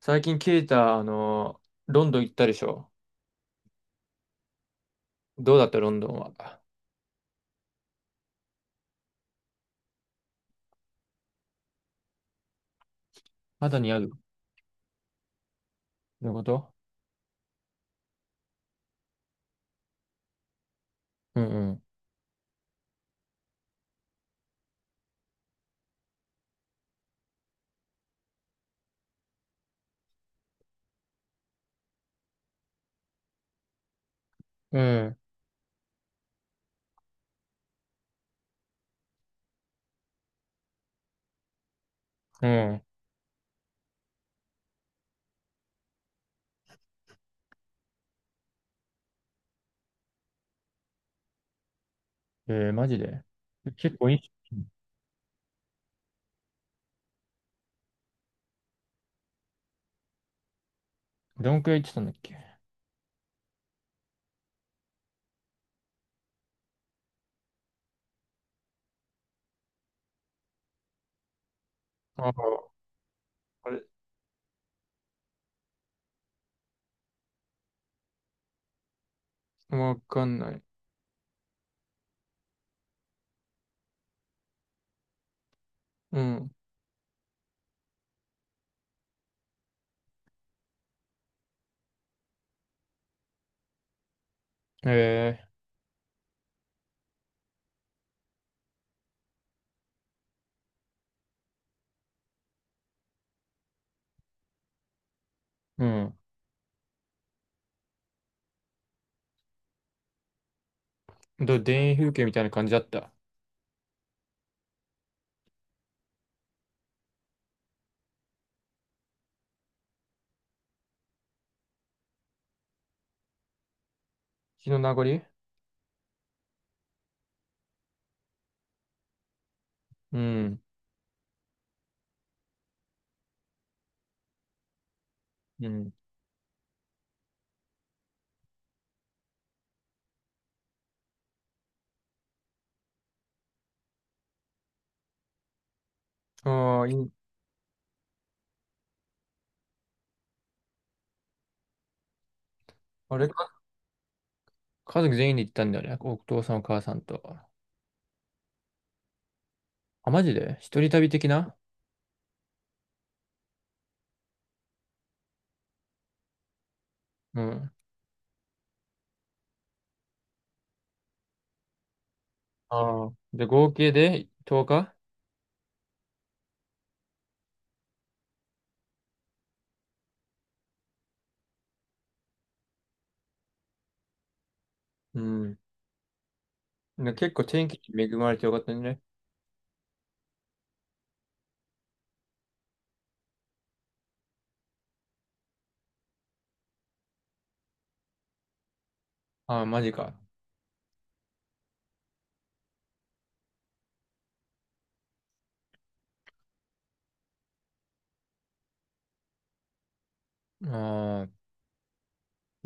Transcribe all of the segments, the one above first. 最近ケイタ、ロンドン行ったでしょ？どうだったロンドンは。肌に合うのこと。うんうん。うん。うん。マジで結構いい。どんくらい行ってたんだっけ？ああ、あれ、わかんない。うん。えうん。どう、田園風景みたいな感じだった？日の名残。うん。うん。ああ、いい。あれか、家族全員で行ったんだよね。お父さんお母さんと。あ、マジで一人旅的な。うん。ああ。で、合計で10日？うん。ね、結構天気に恵まれてよかったね。ああ、マジか。ああ、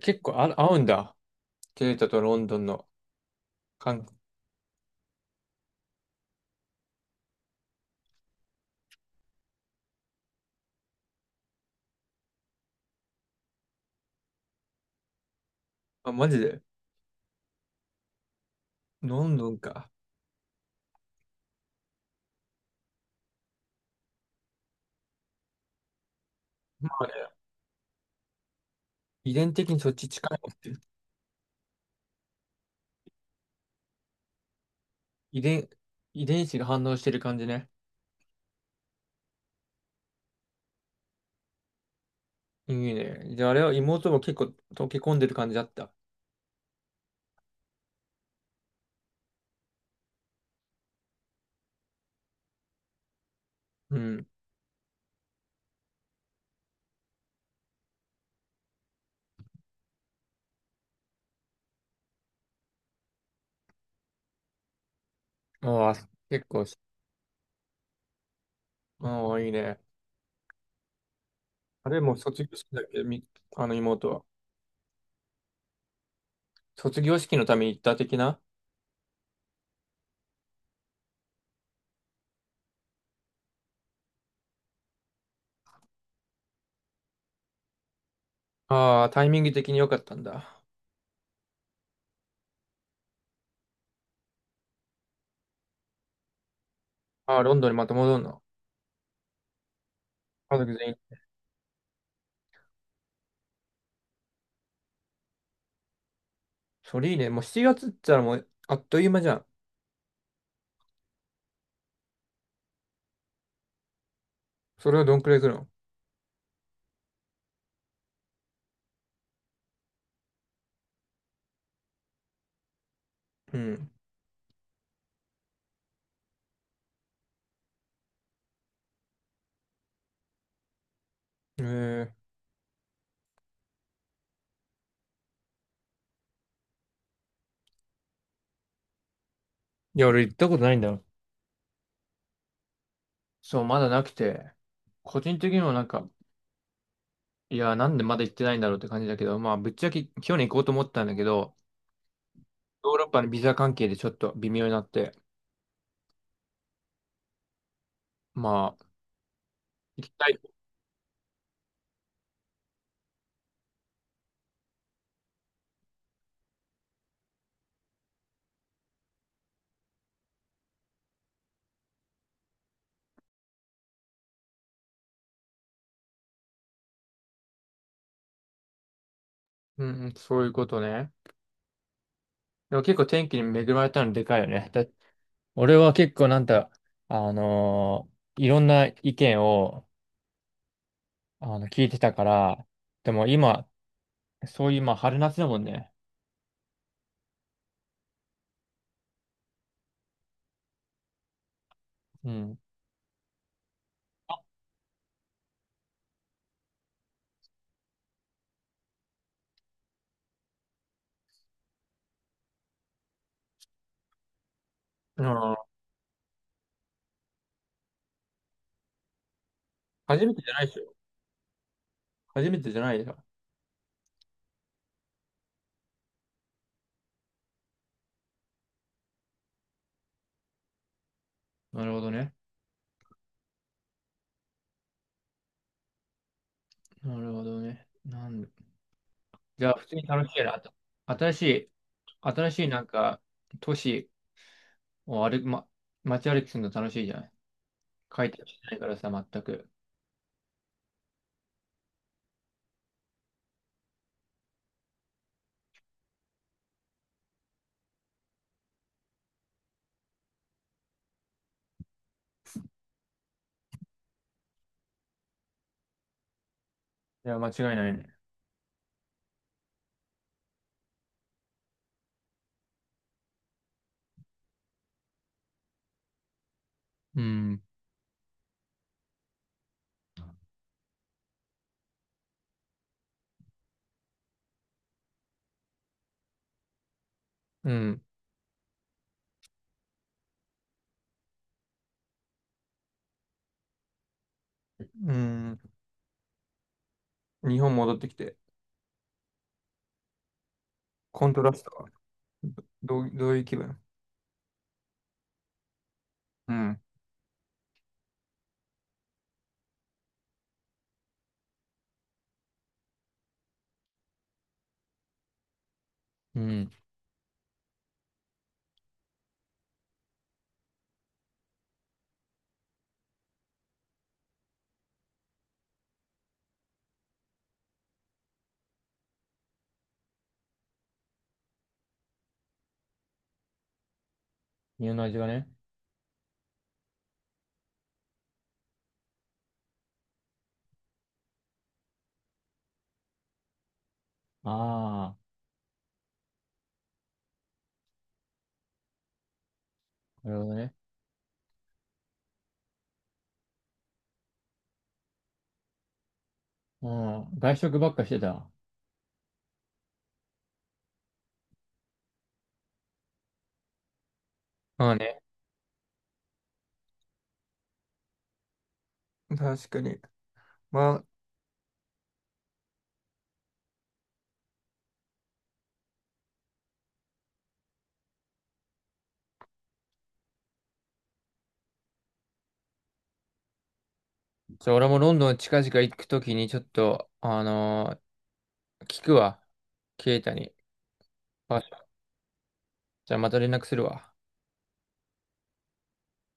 結構、あ、合うんだ。ケイタとロンドンの感。あ、マジで。ロンドンか。まあね、遺伝的にそっち近いもんって。遺伝、遺伝子が反応してる感じね。いいね。じゃあ、あれは妹も結構溶け込んでる感じだった？うん。ああ、結構し、ああ、いいね。あれもう卒業式だっけ？み、あの妹は。卒業式のために行った的な。ああ、タイミング的に良かったんだ。ああ、ロンドンにまた戻るの？家族全員？それいいね。もう7月って言ったらもうあっという間じゃん。それはどんくらい来るの？うん。えー、いや、俺行ったことないんだよ。そう、まだなくて、個人的にもなんか、いや、なんでまだ行ってないんだろうって感じだけど、まあ、ぶっちゃけ去年行こうと思ったんだけど、ヨーロッパのビザ関係でちょっと微妙になって、まあ、行きたい。うんうん、そういうことね。でも結構天気に恵まれたのでかいよね。俺は結構なんだ、いろんな意見を聞いてたから、でも今、そういう、まあ、春夏だもんね。うん。ああ、初めてじゃないでしょ？初めてじゃないよ。なるほどね。なるほどね。なんで、じゃあ、普通に楽しいなと。新しい、新しいなんか、都市を歩く、ま、街歩きするの楽しいじゃない。書いてないからさ、全く。いや、間違いないね。うん。うん。うん。日本戻ってきて、コントラストは、どういう気分？うん。うん。家の味がね。ああ、なるほどね。うん。外食ばっかしてた。まあね。確かに。まあ、じゃあ俺もロンドン近々行くときにちょっと、聞くわ。ケイタに。場所。じゃあまた連絡するわ。